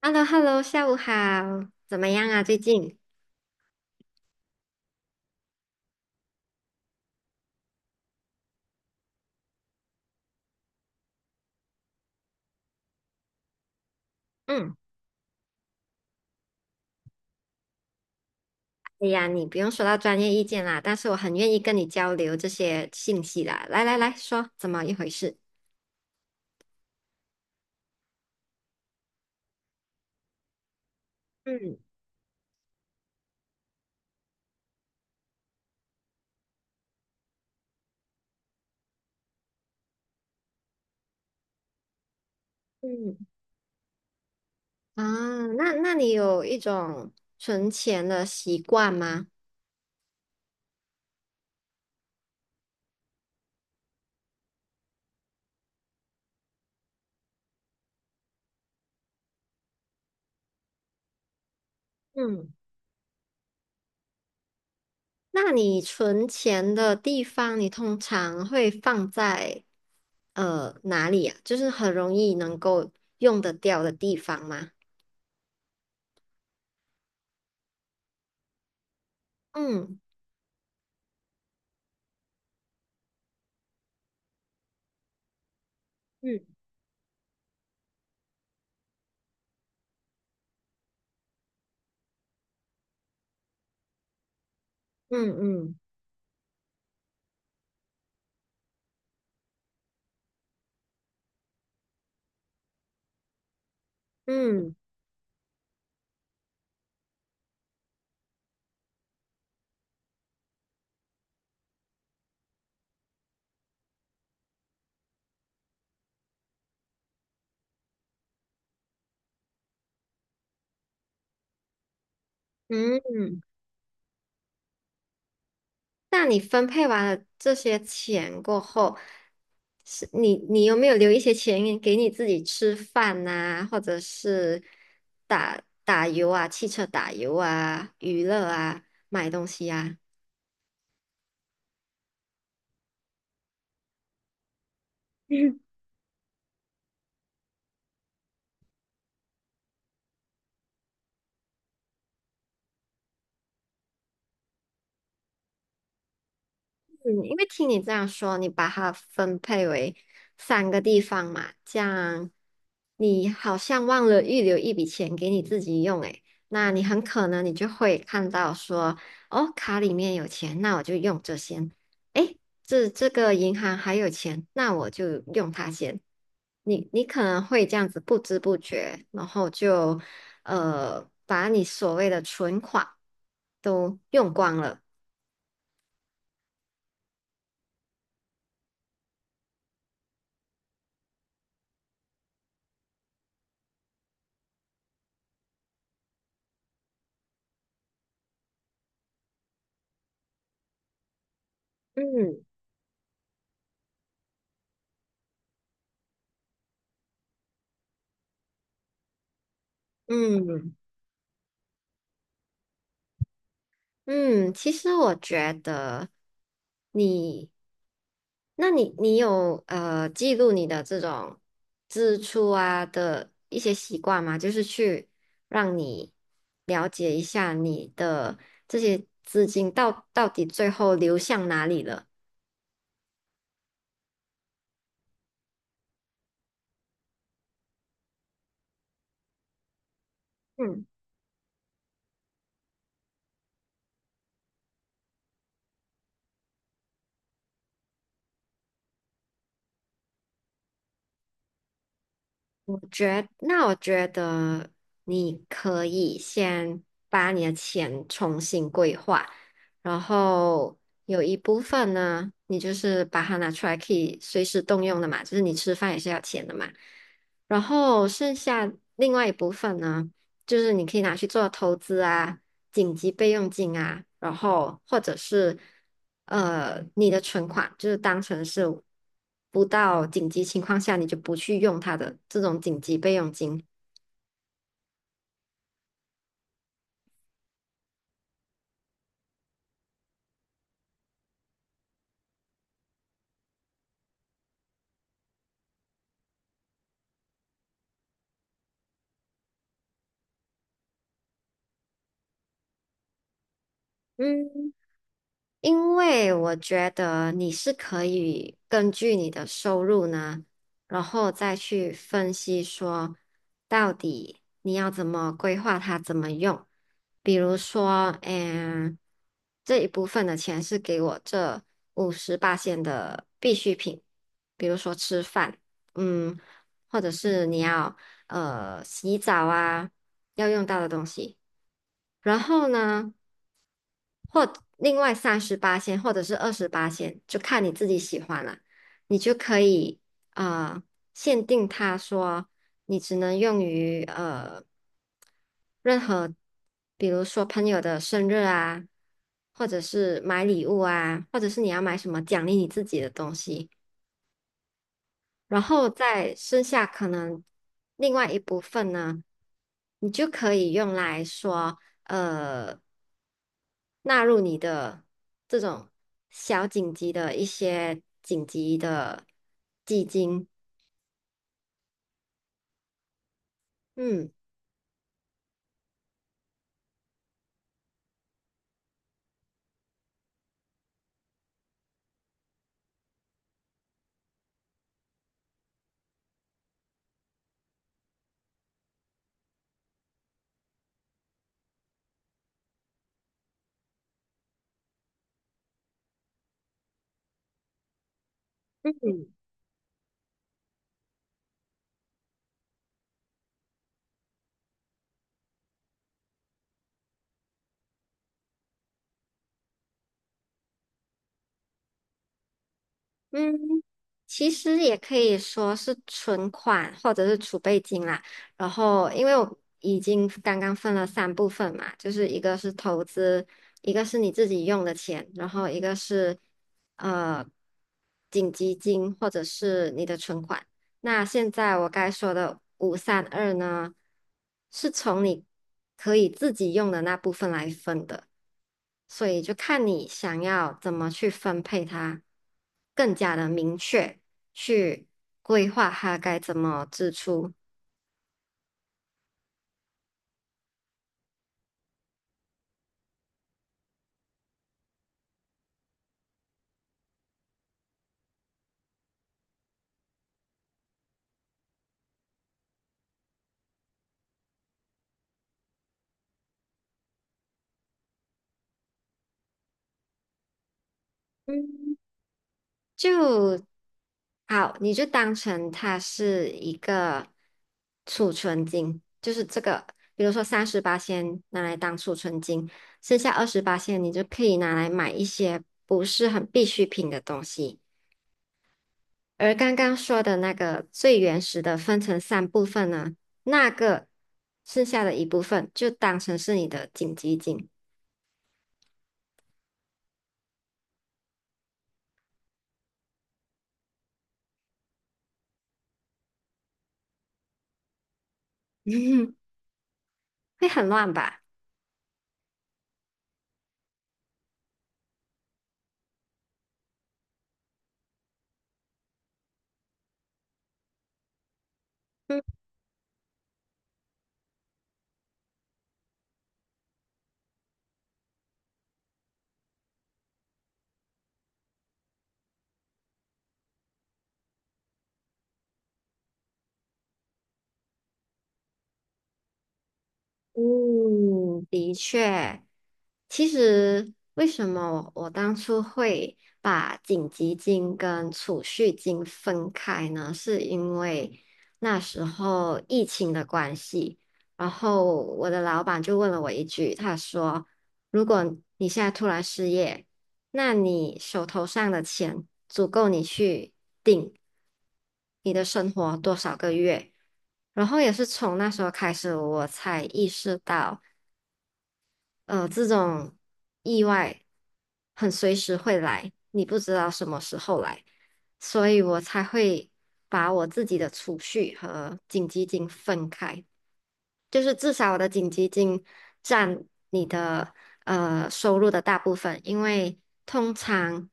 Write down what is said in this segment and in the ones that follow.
h e l l o hello 下午好，怎么样啊？最近？嗯，哎呀，你不用说到专业意见啦，但是我很愿意跟你交流这些信息啦。来来来说，怎么一回事？嗯嗯。啊，那你有一种存钱的习惯吗？嗯，那你存钱的地方，你通常会放在哪里呀？就是很容易能够用得掉的地方吗？嗯。嗯。嗯。嗯。嗯。嗯。嗯，那你分配完了这些钱过后，是你有没有留一些钱给你自己吃饭呐、或者是打打油啊、汽车打油啊、娱乐啊、买东西啊？嗯，因为听你这样说，你把它分配为三个地方嘛，这样你好像忘了预留一笔钱给你自己用，诶，那你很可能你就会看到说，哦，卡里面有钱，那我就用这先，诶，这个银行还有钱，那我就用它先。你可能会这样子不知不觉，然后就把你所谓的存款都用光了。嗯嗯。嗯，其实我觉得你，那你有记录你的这种支出啊的一些习惯吗？就是去让你了解一下你的这些资金到底最后流向哪里了。嗯。那我觉得你可以先把你的钱重新规划，然后有一部分呢，你就是把它拿出来可以随时动用的嘛，就是你吃饭也是要钱的嘛。然后剩下另外一部分呢，就是你可以拿去做投资啊、紧急备用金啊，然后或者是你的存款，就是当成是不到紧急情况下你就不去用它的这种紧急备用金。嗯。因为我觉得你是可以根据你的收入呢，然后再去分析说到底你要怎么规划它，怎么用。比如说，这一部分的钱是给我这58线的必需品，比如说吃饭，嗯，或者是你要洗澡啊要用到的东西。然后呢，或另外38仙或者是28仙，就看你自己喜欢了，你就可以呃限定他说你只能用于任何，比如说朋友的生日啊，或者是买礼物啊，或者是你要买什么奖励你自己的东西。然后再剩下可能另外一部分呢，你就可以用来说，呃，纳入你的这种小紧急的一些紧急的基金。嗯。嗯，其实也可以说是存款或者是储备金啦。然后，因为我已经刚刚分了三部分嘛，就是一个是投资，一个是你自己用的钱，然后一个是呃紧急金或者是你的存款。那现在我该说的五三二呢，是从你可以自己用的那部分来分的。所以就看你想要怎么去分配它，更加的明确去规划它该怎么支出。嗯，就好，你就当成它是一个储存金，就是这个，比如说38先拿来当储存金，剩下28先你就可以拿来买一些不是很必需品的东西。而刚刚说的那个最原始的分成三部分呢，那个剩下的一部分就当成是你的紧急警。会很乱吧？嗯。嗯，其实，为什么我当初会把紧急金跟储蓄金分开呢？是因为那时候疫情的关系，然后我的老板就问了我一句，他说：“如果你现在突然失业，那你手头上的钱足够你去顶你的生活多少个月？”然后也是从那时候开始，我才意识到。这种意外很随时会来，你不知道什么时候来，所以我才会把我自己的储蓄和紧急金分开，就是至少我的紧急金占你的收入的大部分，因为通常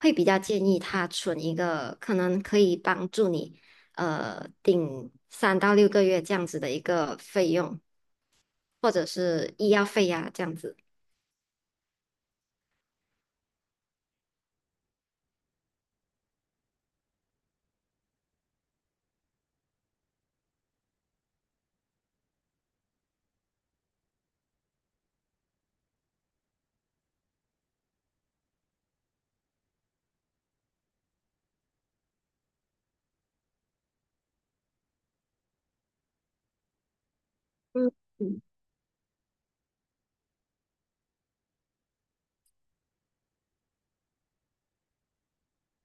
会比较建议他存一个可能可以帮助你顶3到6个月这样子的一个费用，或者是医药费呀、这样子。嗯。嗯。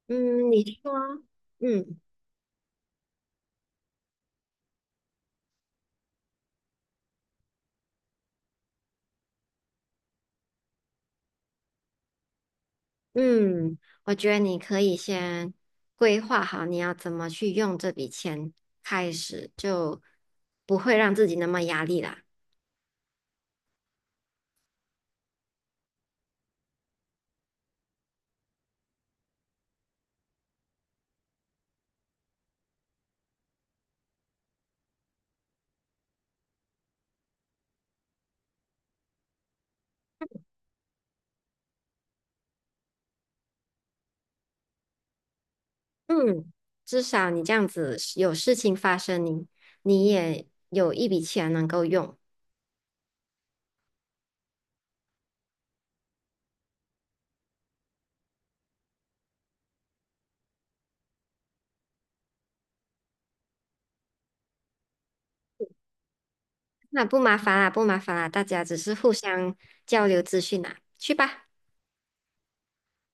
嗯，你说，嗯嗯，我觉得你可以先规划好你要怎么去用这笔钱，开始就不会让自己那么压力啦。嗯，至少你这样子有事情发生你，你也有一笔钱能够用，那不麻烦啦，不麻烦啦，大家只是互相交流资讯啦，去吧。